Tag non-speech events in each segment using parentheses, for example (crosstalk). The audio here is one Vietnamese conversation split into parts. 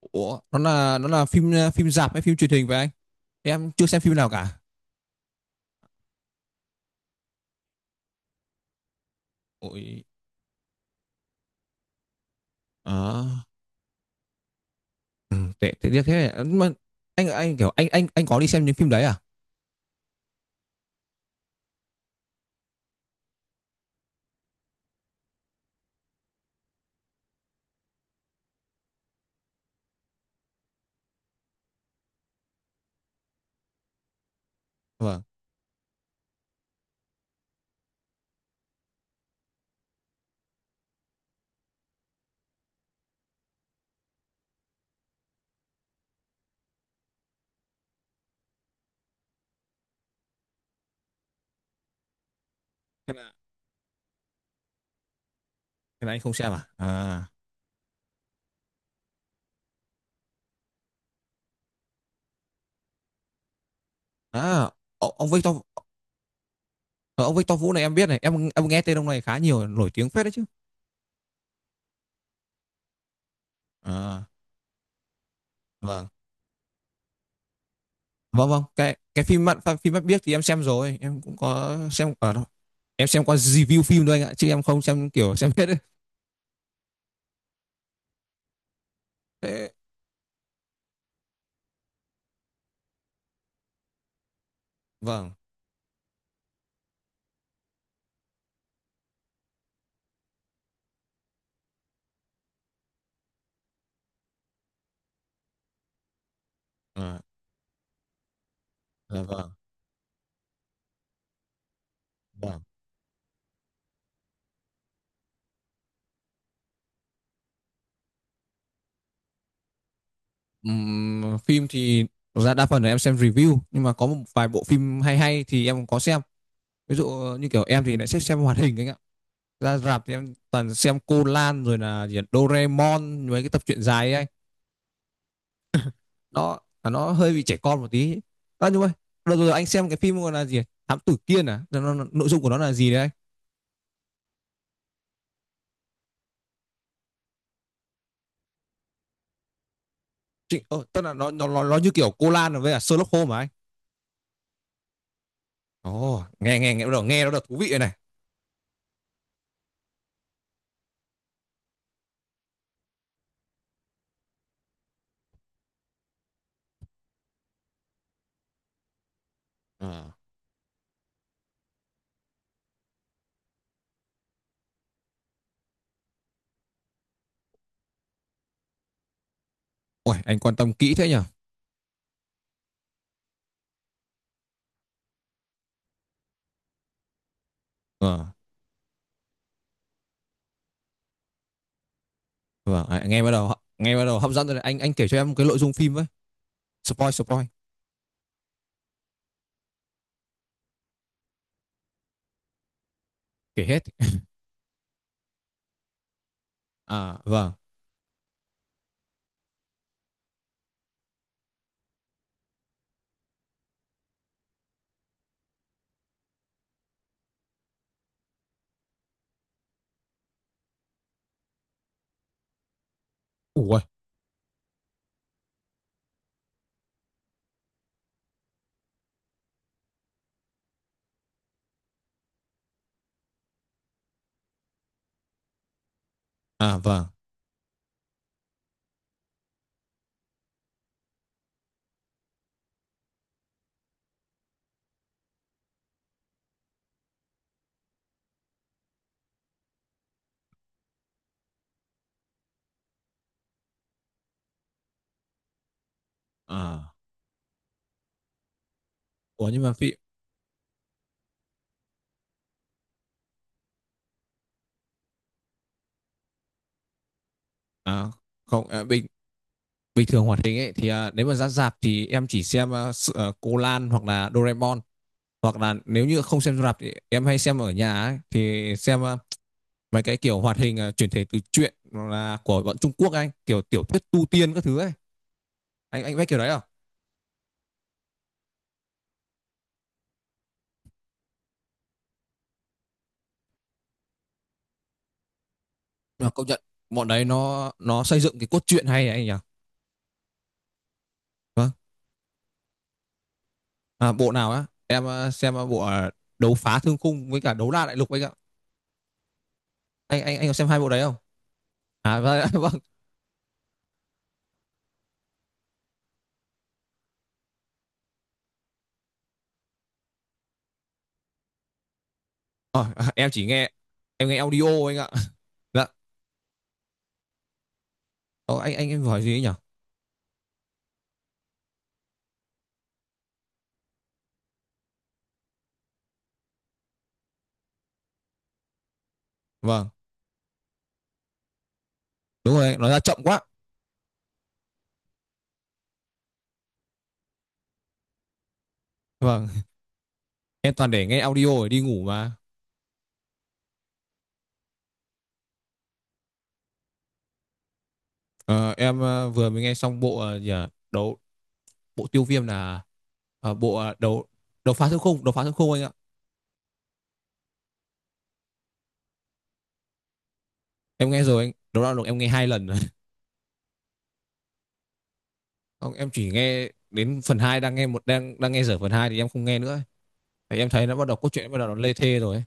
Ủa, nó là phim phim rạp hay phim truyền hình vậy anh? Em chưa xem phim nào cả. Ôi, à, ừ, tệ tệ tiếc thế. Ừ, mà anh kiểu anh có đi xem những phim đấy à? Vâng. Thế là thế là anh không xem à? À. À, ô- ông Victor ờ, ông Victor Vũ này em biết này, em nghe tên ông này khá nhiều, nổi tiếng phết đấy chứ. À, vâng. Vâng, vâng, cái phim mắt biếc thì em xem rồi, em cũng có xem ở đâu. Em xem qua review phim thôi anh ạ, chứ em không xem kiểu xem hết đấy. Thế- Vâng. À, dạ vâng. Vâng. Phim thì thực ra đa phần là em xem review, nhưng mà có một vài bộ phim hay hay thì em cũng có xem. Ví dụ như kiểu em thì lại thích xem hoạt hình anh ạ, ra rạp thì em toàn xem Cô Lan rồi là gì ạ, Doraemon, mấy cái tập truyện dài ấy anh. Nó hơi bị trẻ con một tí, à, nhưng mà đợt rồi anh xem cái phim gọi là gì ạ? Thám Tử Kiên, à nội dung của nó là gì đấy anh? Chị, tức là nó như kiểu Cô Lan với cả Sherlock Holmes mà anh. Ồ, nghe nghe nghe bắt đầu nghe nó được, thú vị rồi này. Ờ. Ôi, anh quan tâm kỹ thế nhỉ. Ờ. Vâng, à, nghe bắt đầu hấp dẫn rồi đấy. Anh kể cho em cái nội dung phim với. Spoil spoil, kể hết. (laughs) À vâng. Ủa. À vâng. À ủa, nhưng mà phim, à không, à, bình bình thường hoạt hình ấy thì, nếu mà ra rạp thì em chỉ xem, Cô Lan hoặc là Doraemon, hoặc là nếu như không xem rạp thì em hay xem ở nhà ấy, thì xem mấy cái kiểu hoạt hình, chuyển thể từ truyện, hoặc là của bọn Trung Quốc anh, kiểu tiểu thuyết tu tiên các thứ ấy. Anh biết kiểu đấy không? Mà công nhận bọn đấy nó xây dựng cái cốt truyện hay ấy anh nhỉ? Vâng. À, bộ nào á? Em xem bộ đấu phá thương khung với cả đấu la đại lục anh ạ. Anh có xem hai bộ đấy không? À vâng, (laughs) vâng. Ờ, em chỉ nghe Em nghe audio anh ạ. Dạ. Ờ, anh em hỏi gì ấy nhỉ? Vâng. Đúng rồi, nói ra chậm quá. Vâng, em toàn để nghe audio để đi ngủ mà. Ờ, em vừa mới nghe xong bộ, ờ, gì à? Đấu bộ tiêu viêm, là bộ, ờ, đấu đấu phá thương khung anh ạ. Em nghe rồi anh, đấu la lục em nghe hai lần rồi. Không, em chỉ nghe đến phần hai, đang nghe một, đang đang nghe dở phần 2 thì em không nghe nữa. Thì em thấy nó bắt đầu, cốt truyện bắt đầu nó lê thê rồi ấy.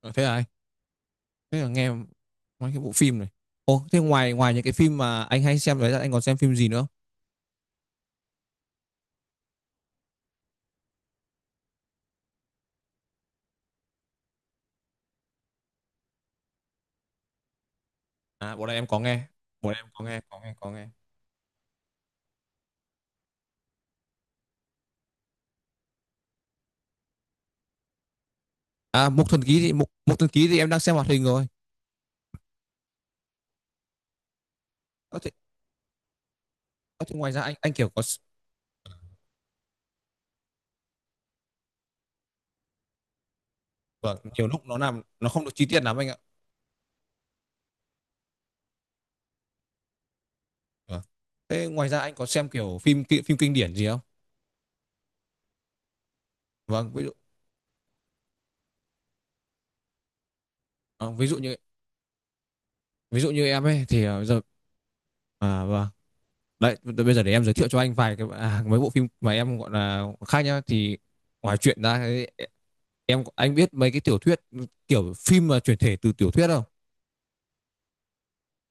Ờ. Thế là nghe mấy cái bộ phim này. Ồ, thế ngoài ngoài những cái phim mà anh hay xem đấy ra, anh còn xem phim gì nữa không? À, bộ này em có nghe. Bộ này em có nghe, có nghe, có nghe. À, Mục Thần Ký thì Mục Thần Ký thì em đang xem hoạt hình rồi. Ờ, thế, ờ, Thế ngoài ra anh kiểu có s-. Vâng, nhiều lúc nó làm nó không được chi tiết lắm anh ạ. Vâng. Thế ngoài ra anh có xem kiểu phim kinh điển gì không? Vâng, ví dụ ờ, ví dụ như ví dụ như em ấy thì, giờ, à vâng. Đấy, bây giờ để em giới thiệu cho anh vài cái, mấy bộ phim mà em gọi là khác nhá, thì ngoài chuyện ra ấy, anh biết mấy cái tiểu thuyết, kiểu phim mà chuyển thể từ tiểu thuyết không?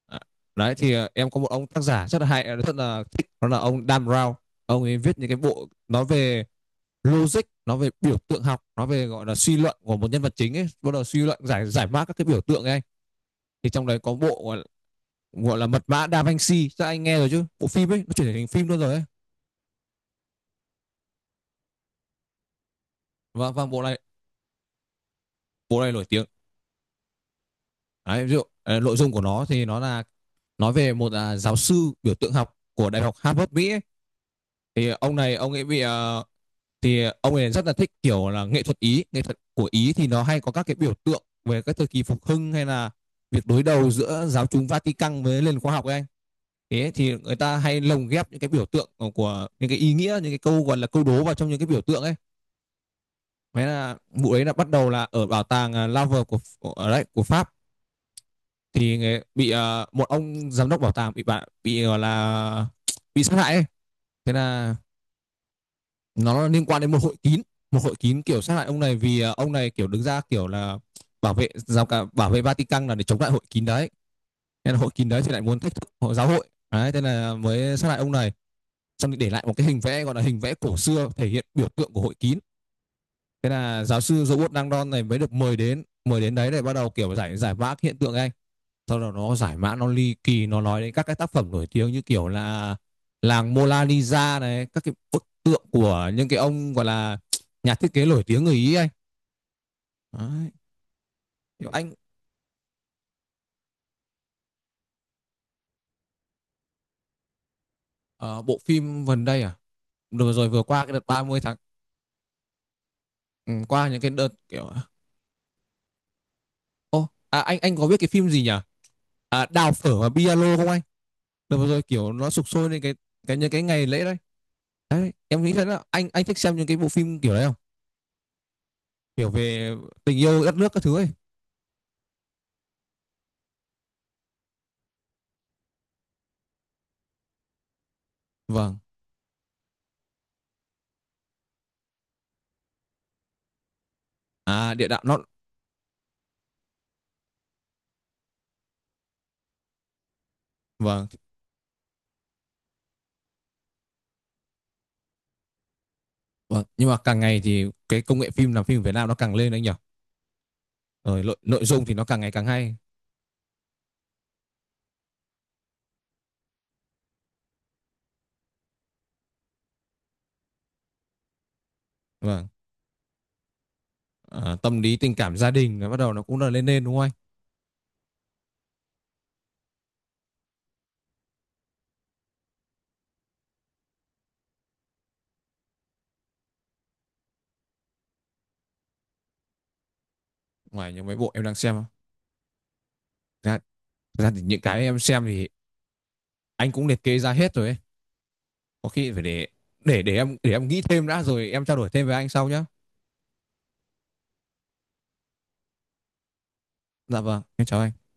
À, đấy thì, em có một ông tác giả rất là hay, rất là thích, đó là ông Dan Brown. Ông ấy viết những cái bộ nói về logic, nói về biểu tượng học, nói về gọi là suy luận của một nhân vật chính ấy, bắt đầu suy luận giải giải mã các cái biểu tượng ấy anh. Thì trong đấy có bộ gọi là mật mã Da Vinci, chắc anh nghe rồi chứ? Bộ phim ấy nó chuyển thể thành phim luôn rồi ấy. Và bộ này nổi tiếng. Đấy, ví dụ nội dung của nó thì nó là nói về một, giáo sư biểu tượng học của Đại học Harvard Mỹ ấy. Thì ông này ông ấy bị ờ, Thì ông ấy rất là thích kiểu là nghệ thuật Ý, nghệ thuật của Ý thì nó hay có các cái biểu tượng về các thời kỳ phục hưng, hay là việc đối đầu giữa giáo chúng Vatican với nền khoa học ấy anh. Thế thì người ta hay lồng ghép những cái biểu tượng của những cái ý nghĩa, những cái câu gọi là câu đố vào trong những cái biểu tượng ấy. Thế là vụ ấy là bắt đầu là ở bảo tàng, Louvre của, ở đấy của Pháp, thì bị, một ông giám đốc bảo tàng bị bạn bị gọi là bị sát hại ấy. Thế là nó liên quan đến một hội kín, kiểu sát hại ông này vì, ông này kiểu đứng ra kiểu là bảo vệ Vatican, là để chống lại hội kín đấy, nên là hội kín đấy thì lại muốn thách thức giáo hội đấy, thế là mới sát hại ông này. Xong thì để lại một cái hình vẽ gọi là hình vẽ cổ xưa thể hiện biểu tượng của hội kín, thế là giáo sư Robert Langdon này mới được mời đến, đấy để bắt đầu kiểu giải giải mã hiện tượng ấy. Sau đó nó giải mã nó ly kỳ, nó nói đến các cái tác phẩm nổi tiếng như kiểu là làng Mona Lisa này, các cái bức tượng của những cái ông gọi là, (tsk) nhà thiết kế nổi tiếng người Ý anh. Đấy. Anh, ở bộ phim gần đây à, rồi rồi, vừa qua cái đợt 30 tháng, ừ, qua những cái đợt kiểu, ô à, anh có biết cái phim gì nhỉ, à, đào phở và piano không anh, rồi rồi kiểu nó sục sôi lên cái, những cái ngày lễ đấy. Đấy em nghĩ, thế là anh thích xem những cái bộ phim kiểu đấy không, kiểu về tình yêu đất nước các thứ ấy. Vâng, à, địa đạo nó. Vâng, vâng. Nhưng mà càng ngày thì cái công nghệ phim, làm phim Việt Nam nó càng lên anh nhỉ? Rồi nội, nội dung thì nó càng ngày càng hay. Vâng. À, tâm lý tình cảm gia đình nó bắt đầu nó cũng là lên lên đúng không anh? Ngoài những mấy bộ em đang xem á, ra, ra thì những cái em xem thì anh cũng liệt kê ra hết rồi ấy. Có khi phải để, em, em nghĩ thêm đã rồi em trao đổi thêm với anh sau nhá. Dạ vâng, em chào anh.